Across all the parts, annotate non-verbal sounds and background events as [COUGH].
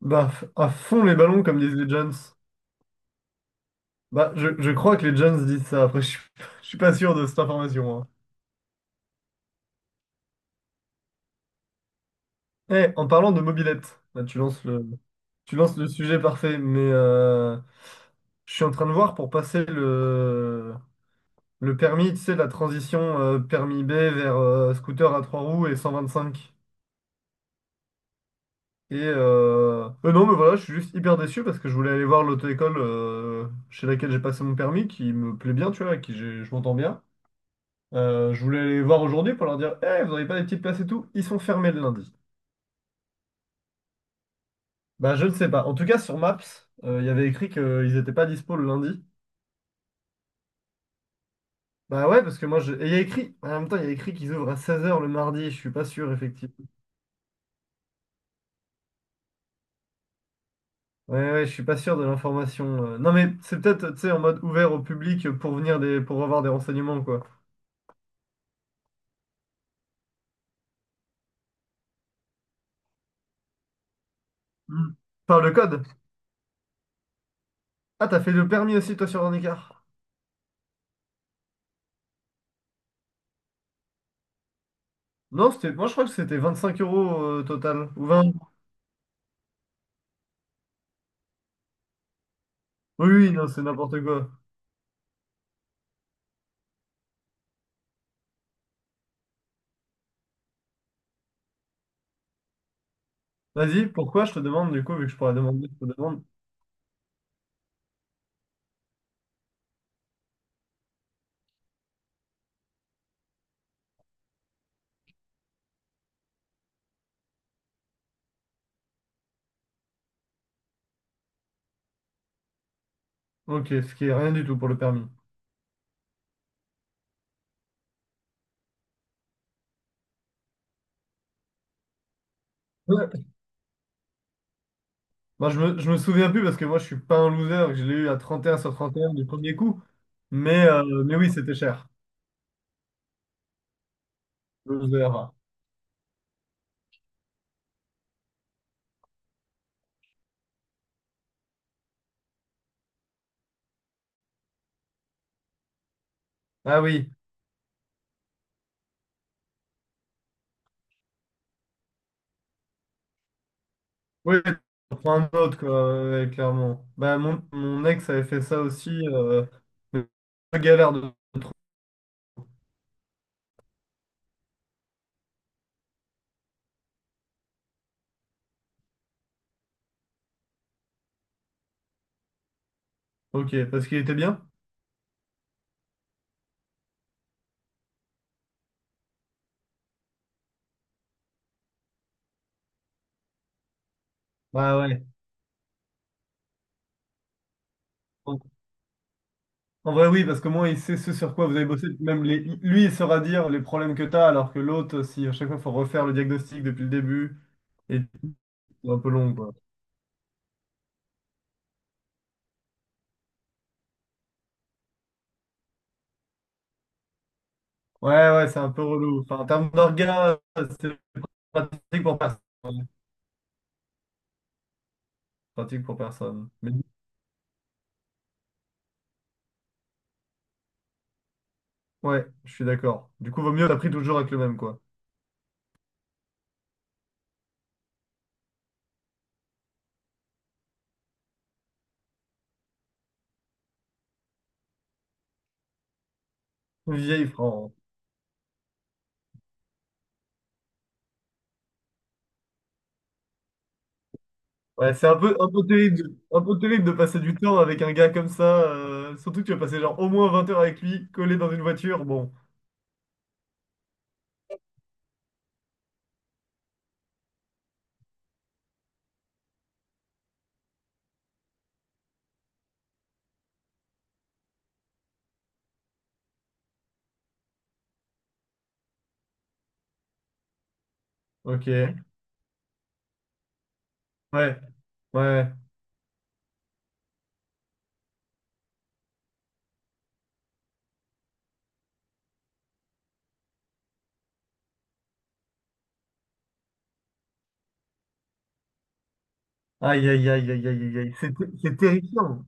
À fond les ballons, comme disent les Jones. Je crois que les Jones disent ça. Après, [LAUGHS] je suis pas sûr de cette information, hein. Eh, en parlant de mobilette, là, tu lances le sujet parfait, mais je suis en train de voir pour passer le permis, tu sais, la transition permis B vers scooter à trois roues et 125. Non, mais voilà, je suis juste hyper déçu parce que je voulais aller voir l'auto-école chez laquelle j'ai passé mon permis, qui me plaît bien, tu vois, avec qui je m'entends bien. Je voulais les voir aujourd'hui pour leur dire, eh, vous n'avez pas des petites places et tout? Ils sont fermés le lundi. Bah je ne sais pas. En tout cas sur Maps, il y avait écrit qu'ils n'étaient pas dispo le lundi. Bah ouais, parce que moi je. Et il y a écrit. En même temps, il y a écrit qu'ils ouvrent à 16 heures le mardi, je suis pas sûr, effectivement. Ouais, ouais, je suis pas sûr de l'information, non mais c'est peut-être, tu sais, en mode ouvert au public pour venir des. Pour avoir des renseignements, quoi. Hmm. Par le code. Ah, t'as fait le permis aussi toi sur un écart. Non, c'était. Moi je crois que c'était 25 euros total. Ou 20. Oui, oui, non, c'est n'importe quoi. Vas-y, pourquoi je te demande, du coup, vu que je pourrais demander, je te demande. Ok, ce qui est rien du tout pour le permis. Ouais. Moi, je me souviens plus parce que moi, je suis pas un loser, que je l'ai eu à 31/31 du premier coup. Mais oui, c'était cher. Loser. Ah oui. Oui, on prend un autre, quoi, ouais, clairement. Bah, mon ex avait fait ça aussi. Mais galère de. Ok, parce qu'il était bien? Bah ouais. En vrai, oui, parce que moi, il sait ce sur quoi vous avez bossé. Lui, il saura dire les problèmes que tu as, alors que l'autre, si à chaque fois, il faut refaire le diagnostic depuis le début, et c'est un peu long, quoi. Ouais, ouais, c'est un peu relou. Enfin, en termes d'orgas, c'est pratique pour personne. Pratique pour personne. Mais ouais, je suis d'accord. Du coup, vaut mieux, t'as pris toujours avec le même, quoi. Vieille France. Ouais, c'est un peu terrible de passer du temps avec un gars comme ça, surtout que tu vas passer genre au moins 20 heures avec lui, collé dans une voiture. Bon, ok. Ouais, ouais. Aïe, aïe, aïe, aïe, aïe, aïe, aïe. C'est terrifiant.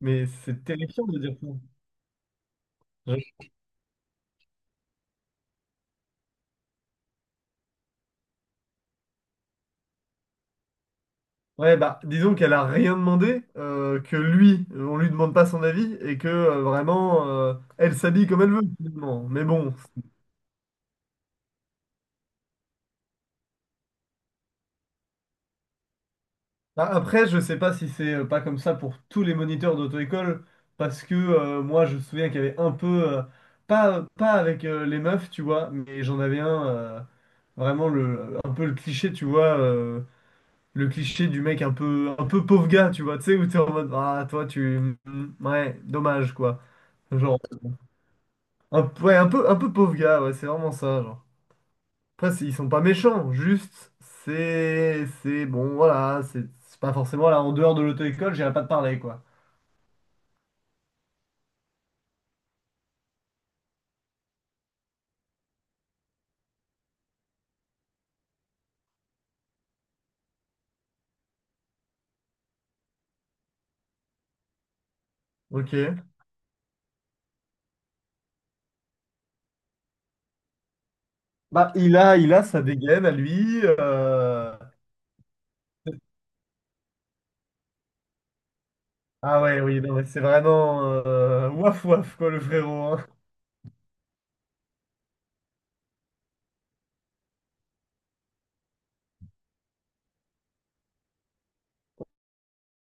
Mais c'est terrifiant de dire ça. Ouais, ouais, bah, disons qu'elle a rien demandé, que lui, on lui demande pas son avis, et que vraiment, elle s'habille comme elle veut, finalement. Mais bon. Après, je sais pas si c'est pas comme ça pour tous les moniteurs d'auto-école, parce que moi, je me souviens qu'il y avait un peu. euh, pas avec les meufs, tu vois, mais j'en avais un. Vraiment un peu le cliché, tu vois. Le cliché du mec un peu pauvre gars, tu vois, tu sais, où t'es en mode, ah, toi, tu. Mm, ouais, dommage, quoi. Genre, ouais, un peu pauvre gars, ouais, c'est vraiment ça, genre. Après, ils sont pas méchants, juste, c'est. C'est bon, voilà, c'est pas forcément là, en dehors de l'auto-école, j'irai pas te parler, quoi. Ok. Bah, il a sa dégaine à lui, ah ouais, oui, non, mais c'est vraiment, waf waf, quoi, le frérot, hein.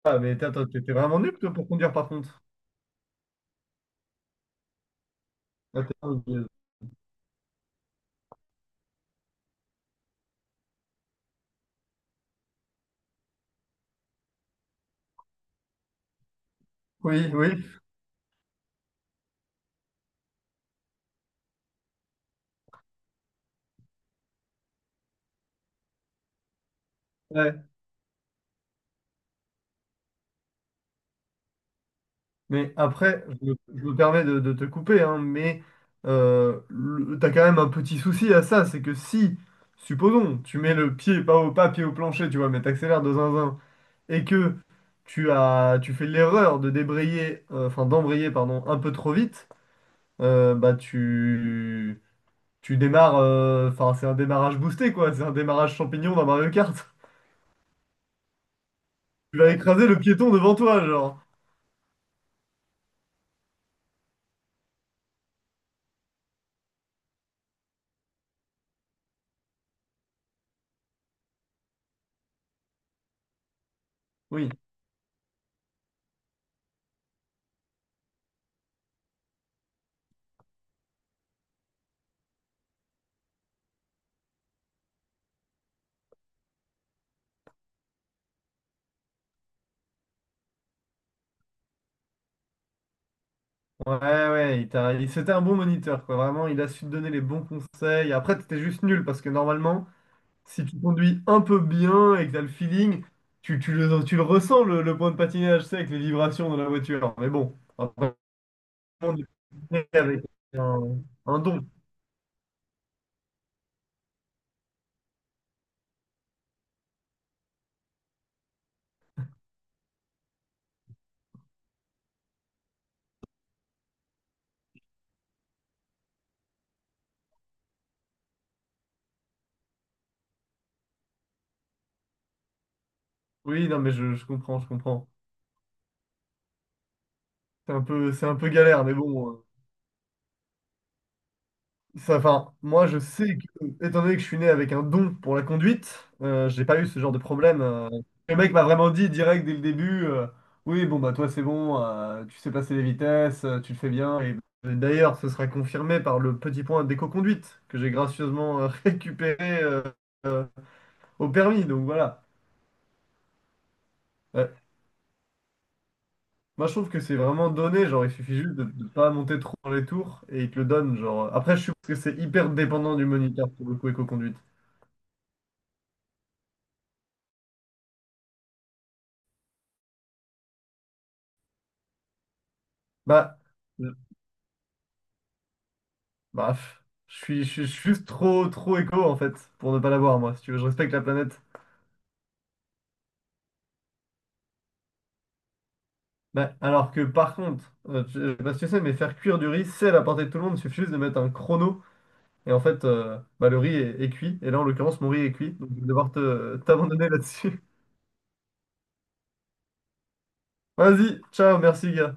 Ah, mais attends, t'étais vraiment nul, toi, pour conduire, par contre. Ah, t'es un vieux. Oui, oui. Ouais. Mais après, je me permets de te couper, hein, mais t'as quand même un petit souci à ça, c'est que si, supposons, tu mets le pied, pas au pas, pied au plancher, tu vois, mais t'accélères de zinzin, et que tu fais l'erreur de débrayer, enfin d'embrayer, pardon, un peu trop vite, bah tu démarres, enfin c'est un démarrage boosté, quoi, c'est un démarrage champignon dans Mario Kart. [LAUGHS] Tu vas écraser le piéton devant toi, genre. Oui. Ouais, ouais, c'était un bon moniteur, quoi. Vraiment, il a su te donner les bons conseils. Après, t'étais juste nul parce que normalement, si tu conduis un peu bien et que t'as le feeling, tu le ressens le point de patinage, c'est avec les vibrations dans la voiture. Mais bon, après, on est avec un, un don. Oui, non, mais je comprends, je comprends. C'est un peu galère, mais bon, ça, enfin, moi, je sais que, étant donné que je suis né avec un don pour la conduite, j'ai pas eu ce genre de problème, le mec m'a vraiment dit direct dès le début, oui, bon, bah toi, c'est bon, tu sais passer les vitesses, tu le fais bien. Et bah, d'ailleurs, ce sera confirmé par le petit point d'éco-conduite que j'ai gracieusement [LAUGHS] récupéré euh, au permis. Donc voilà. Euh, Moi, je trouve que c'est vraiment donné. Genre, il suffit juste de ne pas monter trop dans les tours et il te le donne. Genre, après, je suppose que c'est hyper dépendant du moniteur pour le coup éco-conduite. Bah. Bah, pff, je suis juste trop, trop éco en fait, pour ne pas l'avoir, moi. Si tu veux, je respecte la planète. Bah, alors que par contre, je sais pas si tu sais, mais faire cuire du riz, c'est à la portée de tout le monde. Il suffit juste de mettre un chrono. Et en fait, bah, le riz est cuit. Et là, en l'occurrence, mon riz est cuit. Donc, je vais devoir t'abandonner là-dessus. [LAUGHS] Vas-y, ciao, merci, gars.